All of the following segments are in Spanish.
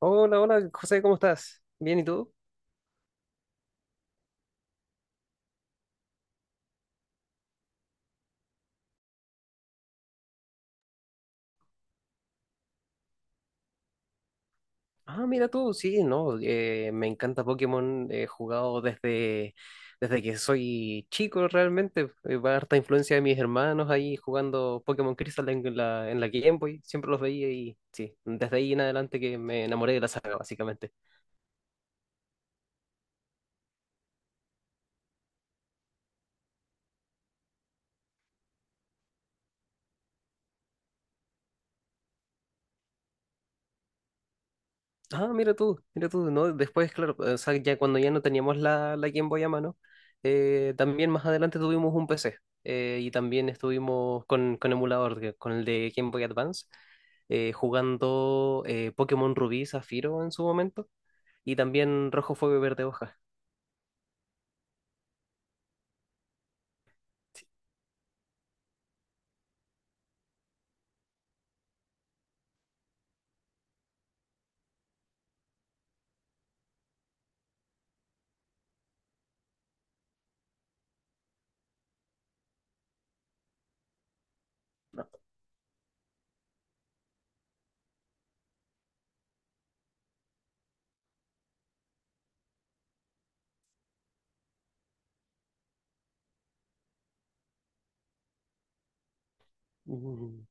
Hola, hola, José, ¿cómo estás? Bien, ¿y tú? Ah, mira tú, sí, no, me encanta Pokémon, he jugado desde que soy chico realmente, va harta influencia de mis hermanos ahí jugando Pokémon Crystal en en la Game Boy, siempre los veía y sí, desde ahí en adelante que me enamoré de la saga, básicamente. Ah, mira tú, ¿no? Después, claro, o sea, ya cuando ya no teníamos la Game Boy a mano, también más adelante tuvimos un PC y también estuvimos con emulador, con el de Game Boy Advance, jugando Pokémon Rubí, Zafiro en su momento y también Rojo Fuego y Verde Hoja. Sí. Mm.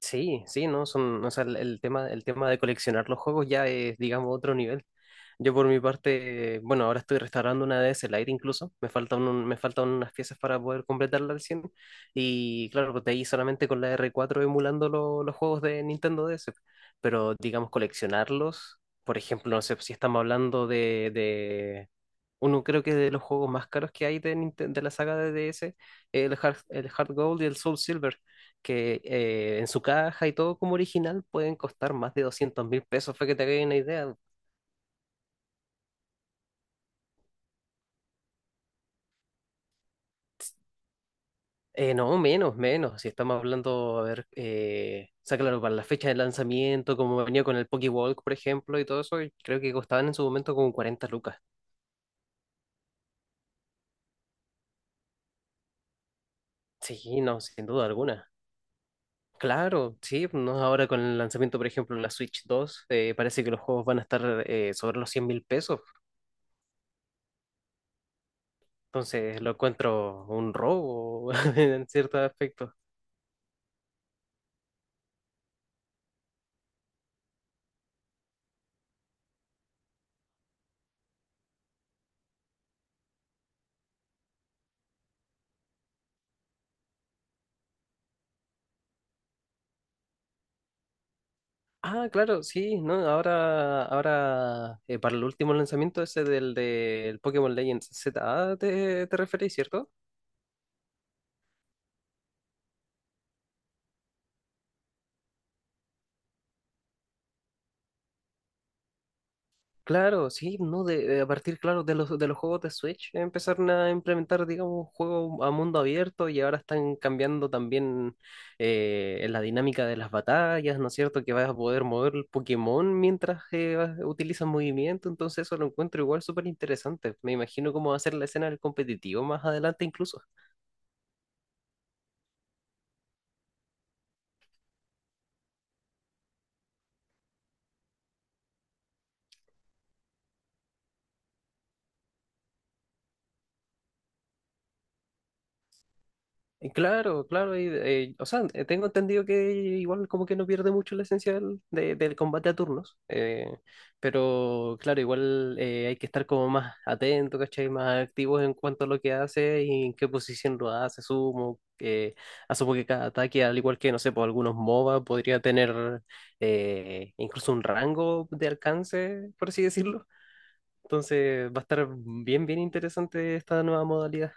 Sí, sí, no, son, o sea, el tema de coleccionar los juegos ya es, digamos, otro nivel. Yo por mi parte, bueno, ahora estoy restaurando una DS Lite incluso, me faltan unas piezas para poder completarla al 100, y claro, pues de ahí solamente con la R4 emulando los juegos de Nintendo DS, pero digamos coleccionarlos, por ejemplo, no sé si estamos hablando de, uno creo que de los juegos más caros que hay de, de la saga de DS, el Heart Gold y el Soul Silver, que en su caja y todo como original pueden costar más de 200.000 pesos, fue que te hagáis una idea. No, menos, menos. Si estamos hablando, a ver, o sea, claro, para la fecha de lanzamiento, como venía con el Pokéwalk, por ejemplo, y todo eso, creo que costaban en su momento como 40 lucas. Sí, no, sin duda alguna. Claro, sí, no, ahora con el lanzamiento, por ejemplo, de la Switch 2, parece que los juegos van a estar sobre los 100.000 pesos, entonces lo encuentro un robo en cierto aspecto. Ah, claro, sí, no, ahora para el último lanzamiento ese del Pokémon Legends Z, A, ¿te, te referís, cierto? Claro, sí, ¿no? De, a partir, claro, de de los juegos de Switch, empezaron a implementar, digamos, juegos a mundo abierto y ahora están cambiando también la dinámica de las batallas, ¿no es cierto? Que vas a poder mover el Pokémon mientras utilizas movimiento, entonces eso lo encuentro igual súper interesante. Me imagino cómo va a ser la escena del competitivo más adelante incluso. Claro, claro, y, o sea, tengo entendido que igual como que no pierde mucho la esencia del combate a turnos, pero claro, igual hay que estar como más atento, ¿cachai? Más activos en cuanto a lo que hace y en qué posición lo hace, sumo, que asumo que cada ataque, al igual que, no sé, por algunos MOBA, podría tener incluso un rango de alcance, por así decirlo. Entonces va a estar bien, bien interesante esta nueva modalidad.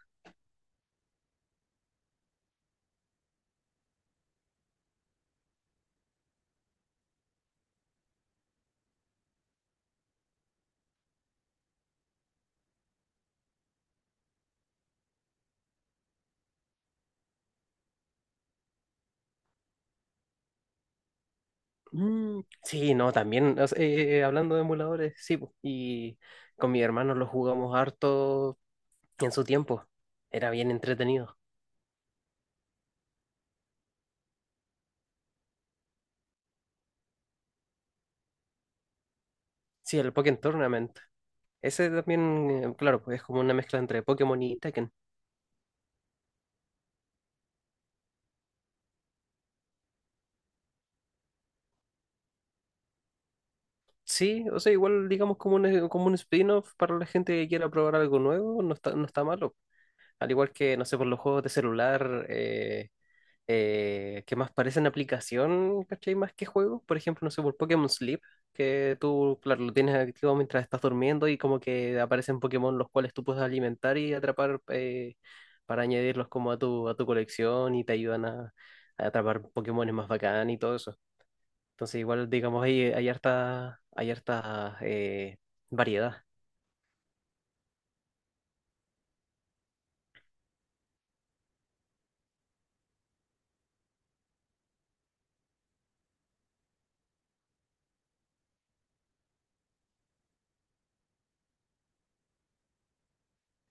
Mm, sí, no, también, o sea, hablando de emuladores, sí, po, y con mi hermano lo jugamos harto en su tiempo, era bien entretenido. Sí, el Pokémon Tournament, ese también, claro, pues es como una mezcla entre Pokémon y Tekken. Sí, o sea, igual digamos como como un spin-off para la gente que quiera probar algo nuevo, no está malo. Al igual que, no sé, por los juegos de celular, que más parecen aplicación, ¿cachai? Más que juego. Por ejemplo, no sé, por Pokémon Sleep, que tú, claro, lo tienes activo mientras estás durmiendo y como que aparecen Pokémon los cuales tú puedes alimentar y atrapar para añadirlos como a a tu colección y te ayudan a atrapar Pokémones más bacán y todo eso. Entonces, igual, digamos, hay harta variedad.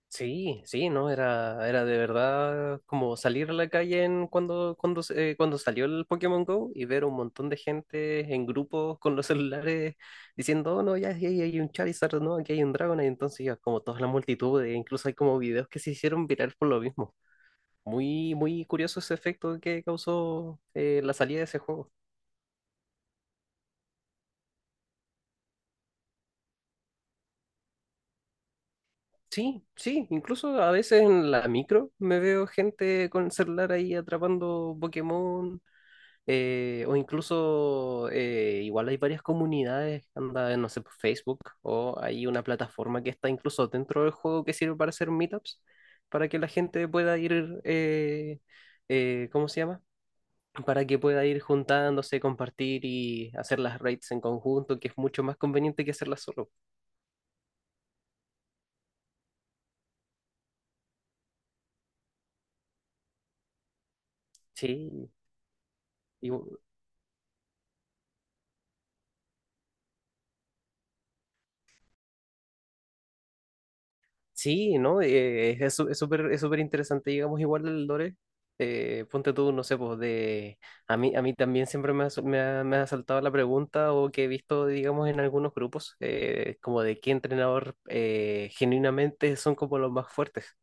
Sí, sí, no, era de verdad como salir a la calle en cuando salió el Pokémon Go y ver un montón de gente en grupos con los celulares diciendo, "Oh, no, ya aquí hay un Charizard, no, aquí hay un Dragonite", y entonces ya como toda la multitud, e incluso hay como videos que se hicieron viral por lo mismo. Muy, muy curioso ese efecto que causó la salida de ese juego. Sí, sí, incluso a veces en la micro me veo gente con el celular ahí atrapando Pokémon igual hay varias comunidades, anda, no sé, por Facebook, o hay una plataforma que está incluso dentro del juego que sirve para hacer meetups, para que la gente pueda ir, ¿cómo se llama? Para que pueda ir juntándose, compartir y hacer las raids en conjunto, que es mucho más conveniente que hacerlas solo. Sí, y, Sí, ¿no? Es súper, es súper interesante, digamos, igual el lore. Ponte tú, no sé, pues de... A mí, también siempre me ha, su- me ha saltado la pregunta o que he visto, digamos, en algunos grupos, como de qué entrenador genuinamente son como los más fuertes.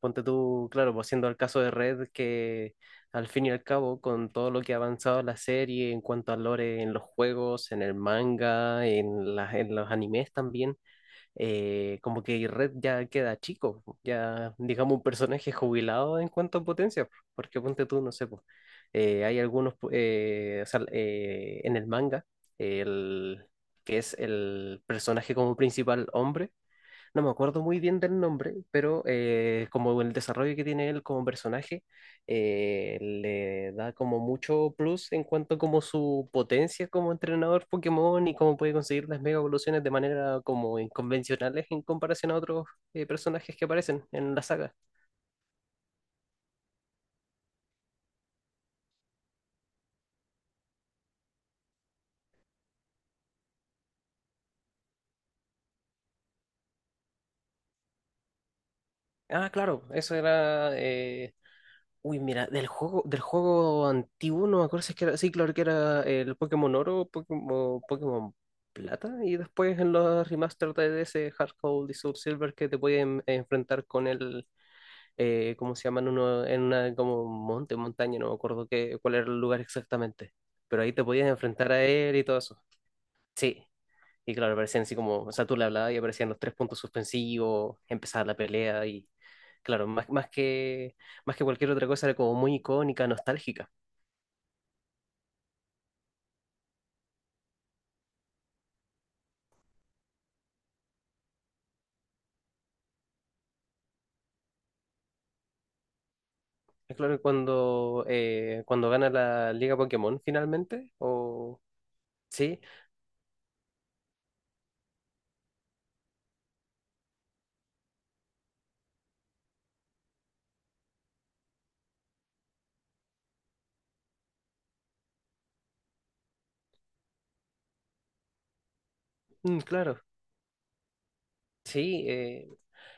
Ponte tú, claro, pues siendo el caso de Red, que al fin y al cabo, con todo lo que ha avanzado la serie en cuanto al lore en los juegos, en el manga, en en los animes también como que Red ya queda chico, po, ya digamos un personaje jubilado en cuanto a potencia, po, porque ponte tú, no sé, po, hay algunos, pu- o sea, en el manga, el, que es el personaje como principal hombre, no me acuerdo muy bien del nombre, pero como el desarrollo que tiene él como personaje le da como mucho plus en cuanto como su potencia como entrenador Pokémon y cómo puede conseguir las mega evoluciones de manera como inconvencionales en comparación a otros personajes que aparecen en la saga. Ah, claro, eso era uy, mira, del juego antiguo, no me acuerdo si es que era, sí, claro que era el Pokémon Oro, Pokémon Plata, y después en los remaster de ese Hard Gold y Soul Silver que te pueden enfrentar con el, ¿cómo se llaman? Uno, en una como montaña, no me acuerdo qué, cuál era el lugar exactamente, pero ahí te podías enfrentar a él y todo eso. Sí, y claro, aparecían así como, o sea, tú le hablabas y aparecían los tres puntos suspensivos, empezaba la pelea y, claro, más que cualquier otra cosa era como muy icónica, nostálgica. Es claro cuando, cuando gana la Liga Pokémon finalmente, o... Sí, mm, claro, sí,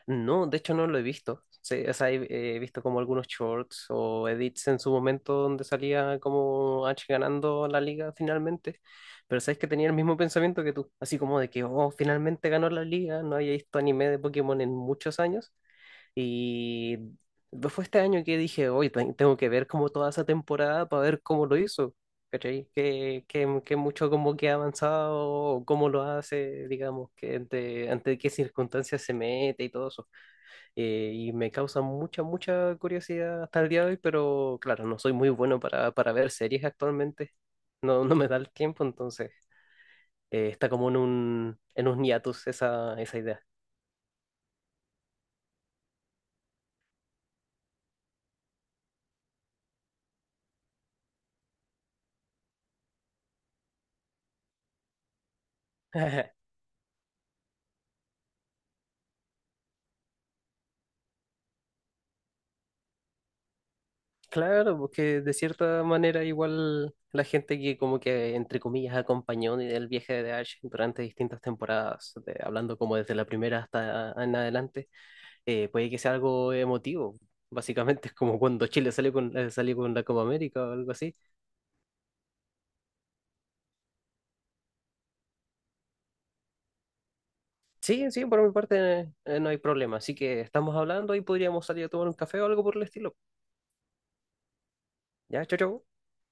no, de hecho no lo he visto. Sí, o sea, he visto como algunos shorts o edits en su momento donde salía como H ganando la liga finalmente. Pero sabes que tenía el mismo pensamiento que tú, así como de que, oh, finalmente ganó la liga, no había visto anime de Pokémon en muchos años. Y no fue este año que dije, hoy tengo que ver como toda esa temporada para ver cómo lo hizo. ¿Cachai? Que mucho como que ha avanzado, o cómo lo hace, digamos, ante qué circunstancias se mete y todo eso y me causa mucha, mucha curiosidad hasta el día de hoy, pero claro, no soy muy bueno para ver series actualmente, no, no me da el tiempo, entonces está como en un hiatus esa, esa idea. Claro, porque de cierta manera igual la gente que como que entre comillas acompañó el viaje de Ash durante distintas temporadas, hablando como desde la primera hasta en adelante, puede que sea algo emotivo. Básicamente es como cuando Chile salió con la Copa América o algo así. Sí, sí, por mi parte no hay problema. Así que estamos hablando y podríamos salir a tomar un café o algo por el estilo. Ya, chao, chao.